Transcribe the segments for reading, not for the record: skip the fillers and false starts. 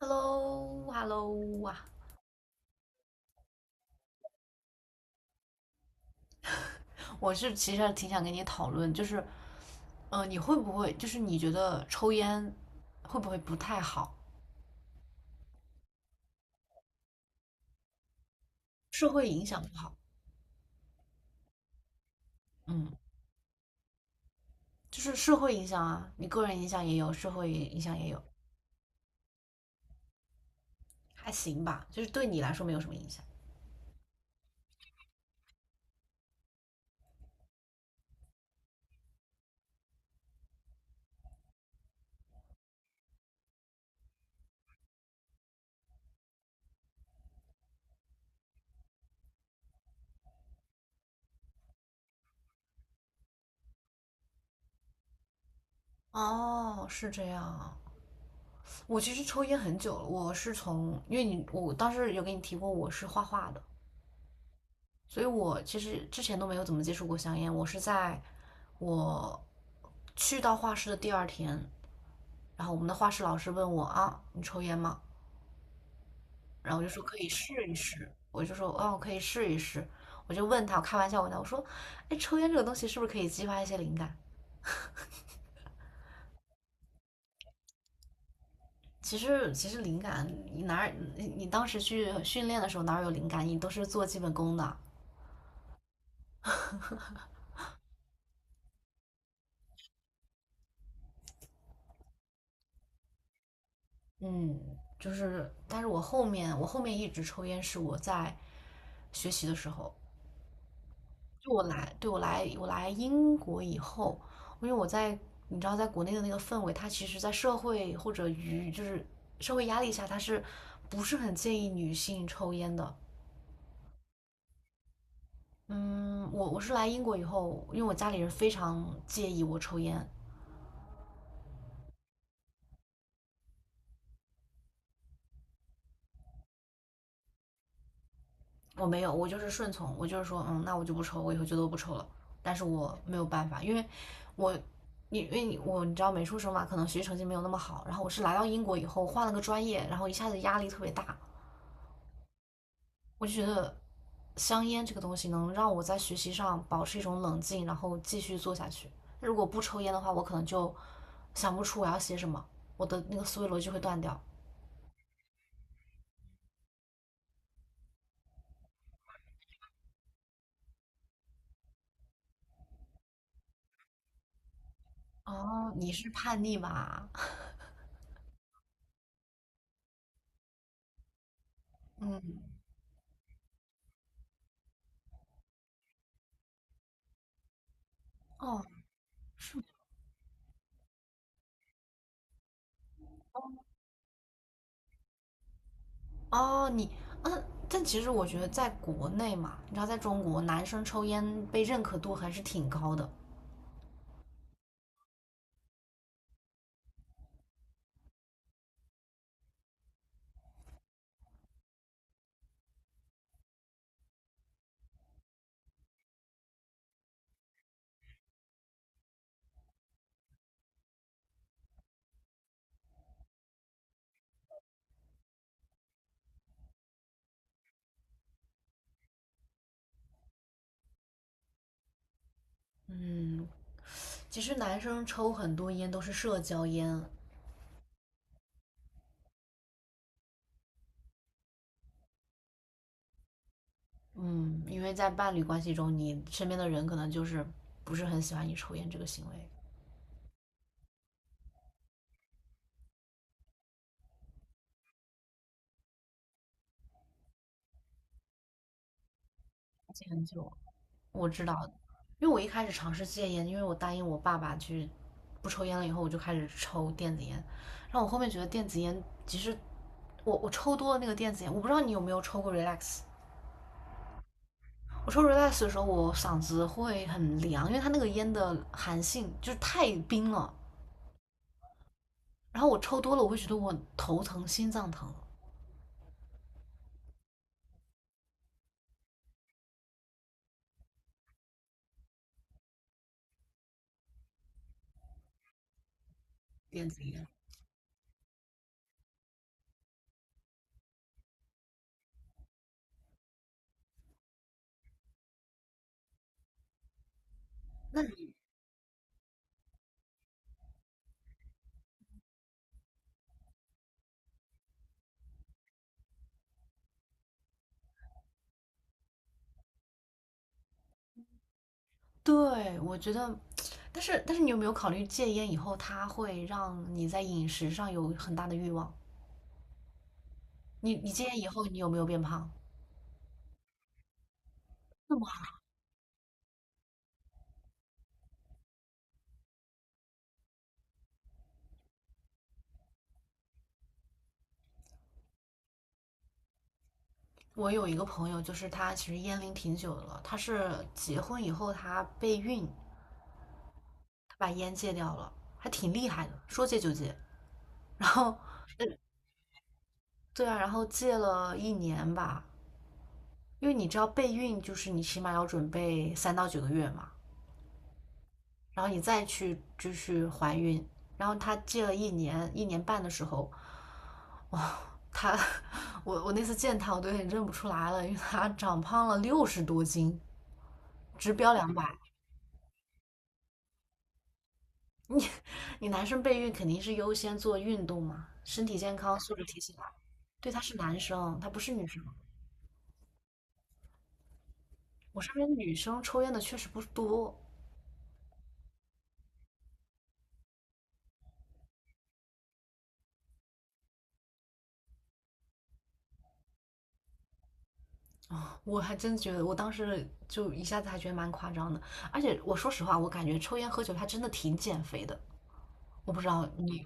Hello，Hello hello 啊！我是其实挺想跟你讨论，就是，你会不会就是你觉得抽烟会不会不太好？社会影响不好。嗯。就是社会影响啊，你个人影响也有，社会影响也有。还行吧，就是对你来说没有什么影响。哦，是这样啊。我其实抽烟很久了，我是从因为你我当时有给你提过，我是画画的，所以我其实之前都没有怎么接触过香烟，我是在我去到画室的第二天，然后我们的画室老师问我啊，你抽烟吗？然后我就说可以试一试，我就说哦，可以试一试。我就问他，我开玩笑问他，我说，哎，抽烟这个东西是不是可以激发一些灵感？其实灵感，你哪儿你你当时去训练的时候哪儿有灵感？你都是做基本功的。嗯，就是，但是我后面一直抽烟是我在学习的时候，就我来，对，我来英国以后，因为你知道在国内的那个氛围，它其实在社会或者舆就是社会压力下，它是不是很建议女性抽烟的？嗯，我是来英国以后，因为我家里人非常介意我抽烟，我没有，我就是顺从，我就是说，那我就不抽，我以后就都不抽了。但是我没有办法，因为我我你知道美术生嘛，可能学习成绩没有那么好。然后我是来到英国以后换了个专业，然后一下子压力特别大。我就觉得香烟这个东西能让我在学习上保持一种冷静，然后继续做下去。如果不抽烟的话，我可能就想不出我要写什么，我的那个思维逻辑会断掉。哦，你是叛逆吧？嗯。哦。是吗？哦。嗯，但其实我觉得在国内嘛，你知道，在中国男生抽烟被认可度还是挺高的。嗯。其实男生抽很多烟都是社交烟。嗯，因为在伴侣关系中，你身边的人可能就是不是很喜欢你抽烟这个行为。戒很久。我知道。因为我一开始尝试戒烟，因为我答应我爸爸去不抽烟了以后，我就开始抽电子烟。然后我后面觉得电子烟，其实我抽多了那个电子烟，我不知道你有没有抽过 relax。我抽 relax 的时候，我嗓子会很凉，因为它那个烟的寒性就是太冰了，然后我抽多了，我会觉得我头疼、心脏疼、电子烟。那对，我觉得，但是你有没有考虑戒烟以后，它会让你在饮食上有很大的欲望？你戒烟以后，你有没有变胖？那么我有一个朋友，就是他其实烟龄挺久的了，他是结婚以后他备孕，他把烟戒掉了，还挺厉害的，说戒就戒。然后对啊，然后戒了一年吧，因为你知道备孕就是你起码要准备3到9个月嘛。然后你再去继续怀孕。然后他戒了一年一年半的时候，哇，他我那次见他，我都有点认不出来了，因为他长胖了60多斤，直标200。你你男生备孕肯定是优先做运动嘛，身体健康、素质提起来。对，他是男生，他不是女生。我身边女生抽烟的确实不多。我还真觉得，我当时就一下子还觉得蛮夸张的。而且我说实话，我感觉抽烟喝酒还真的挺减肥的。我不知道你。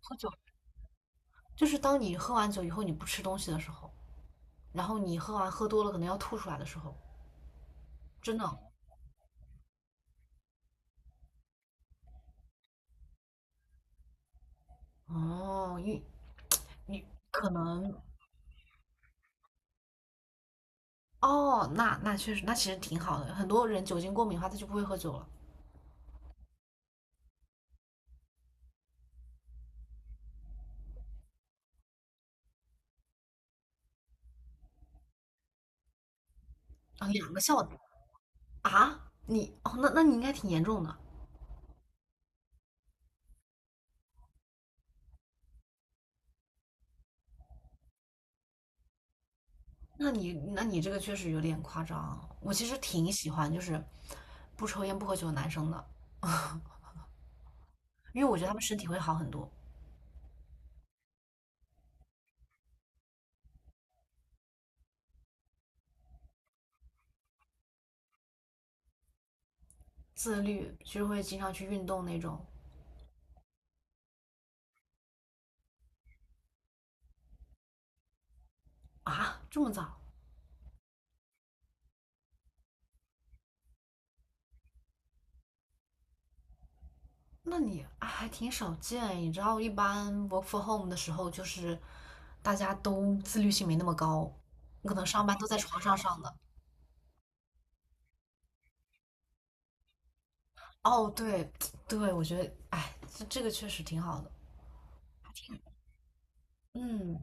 喝酒就是当你喝完酒以后，你不吃东西的时候，然后你喝完喝多了，可能要吐出来的时候，真的。哦，你可能。哦，那确实，那其实挺好的。很多人酒精过敏的话，他就不会喝酒了。啊，两个笑点。啊，哦，那你应该挺严重的。那你这个确实有点夸张。我其实挺喜欢就是不抽烟不喝酒的男生的，因为我觉得他们身体会好很多。自律，就是会经常去运动那种。啊，这么早。那你啊还挺少见，你知道，一般 work f o r home 的时候，就是大家都自律性没那么高，可能上班都在床上上的。哦，对。对，我觉得，哎，这个确实挺好的。嗯，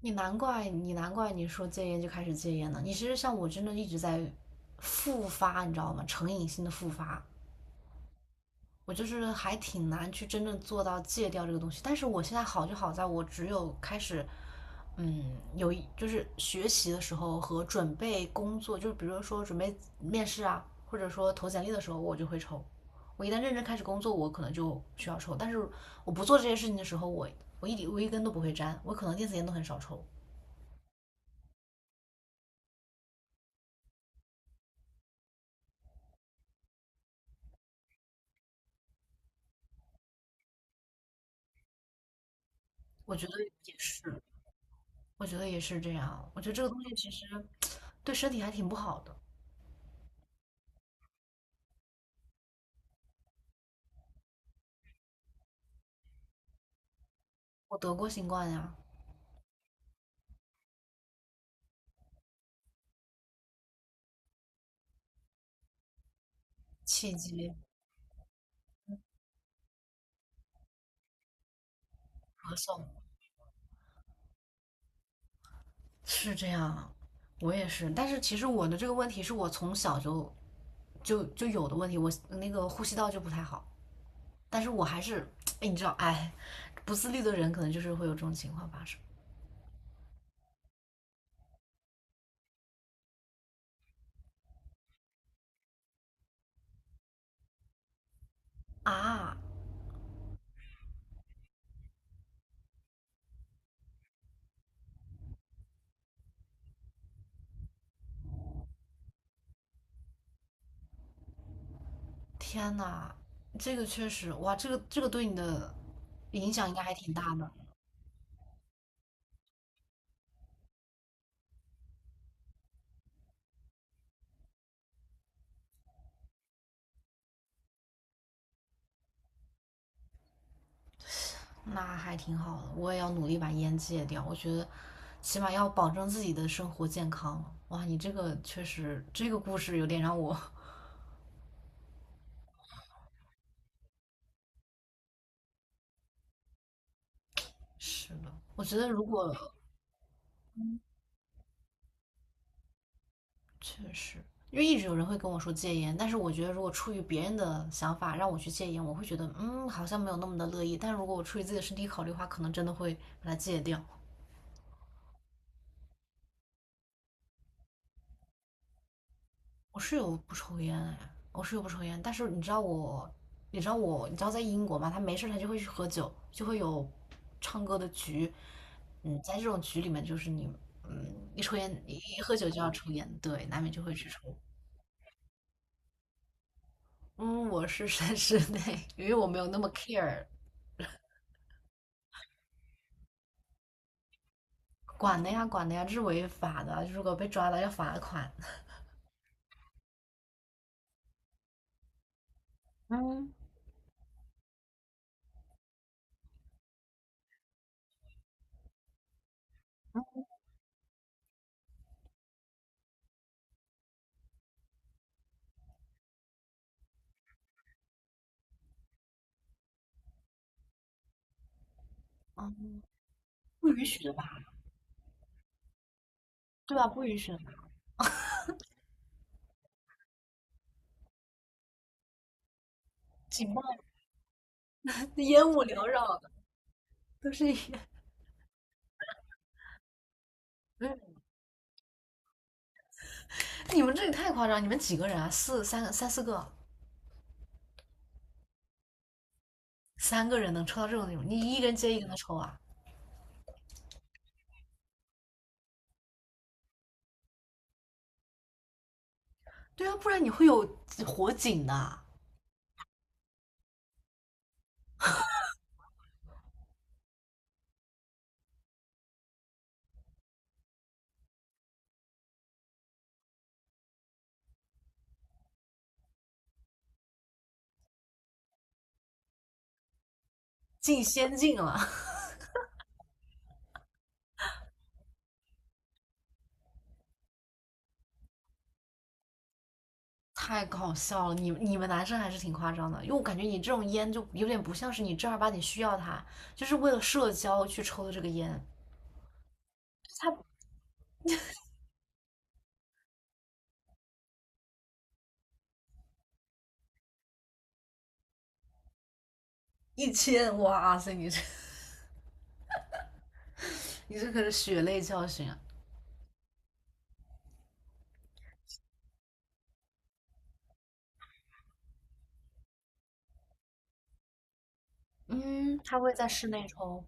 你难怪你说戒烟就开始戒烟了，你其实像我真的一直在复发，你知道吗？成瘾性的复发。我就是还挺难去真正做到戒掉这个东西。但是我现在好就好在我只有开始，嗯，就是学习的时候和准备工作，就是比如说准备面试啊，或者说投简历的时候，我就会抽。我一旦认真开始工作，我可能就需要抽。但是我不做这些事情的时候，我一点，我一根都不会沾，我可能电子烟都很少抽。我觉得也是，我觉得也是这样。我觉得这个东西其实 对身体还挺不好的。我得过新冠呀，气急咳嗽。是这样啊，我也是。但是其实我的这个问题是我从小就有的问题，我那个呼吸道就不太好。但是我还是，哎，你知道，哎，不自律的人可能就是会有这种情况发生。啊！天呐，这个确实。哇，这个对你的影响应该还挺大的。那还挺好的，我也要努力把烟戒掉。我觉得起码要保证自己的生活健康。哇，你这个确实，这个故事有点让我 是的。我觉得如果确实。因为一直有人会跟我说戒烟，但是我觉得如果出于别人的想法让我去戒烟，我会觉得嗯好像没有那么的乐意。但如果我出于自己的身体考虑的话，可能真的会把它戒掉。我室友不抽烟哎，我室友不抽烟，但是你知道我，你知道在英国嘛，他没事他就会去喝酒，就会有唱歌的局。嗯，在这种局里面就是你一抽烟一喝酒就要抽烟，对，难免就会去抽。嗯，我是在室内，因为我没有那么 care。 管的呀，管的呀，这是违法的，如果被抓了要罚款。嗯。啊，不允许的吧？对吧？不允许的吧？警报烟雾缭绕的，都是烟。嗯你们这里太夸张！你们几个人啊？四三个三四个，三个人能抽到这种地步？你一个人接一个的抽啊？对啊，不然你会有火警的，进仙境了。太搞笑了！你们男生还是挺夸张的，因为我感觉你这种烟就有点不像是你正儿八经需要它，就是为了社交去抽的这个烟。一千，哇塞，你这可是血泪教训啊！嗯，他会在室内抽。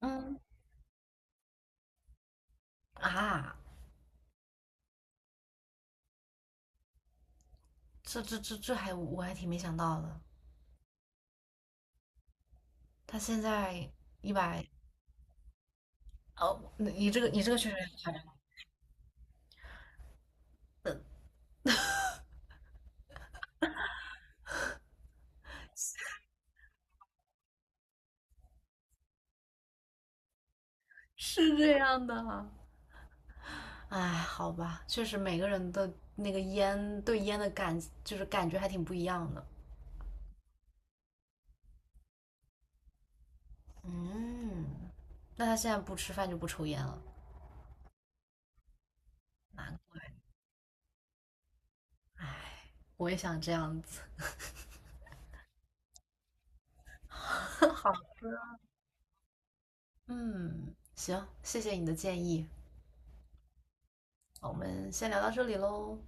嗯。啊，这还我还挺没想到的，他现在100。哦，你这个确实很夸张。是这样的。哎，好吧，确实每个人的那个烟对烟的感就是感觉还挺不一样的。嗯，那他现在不吃饭就不抽烟了，难怪。哎，我也想这样子。好，嗯，行，谢谢你的建议。我们先聊到这里喽。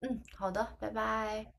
嗯，好的，拜拜。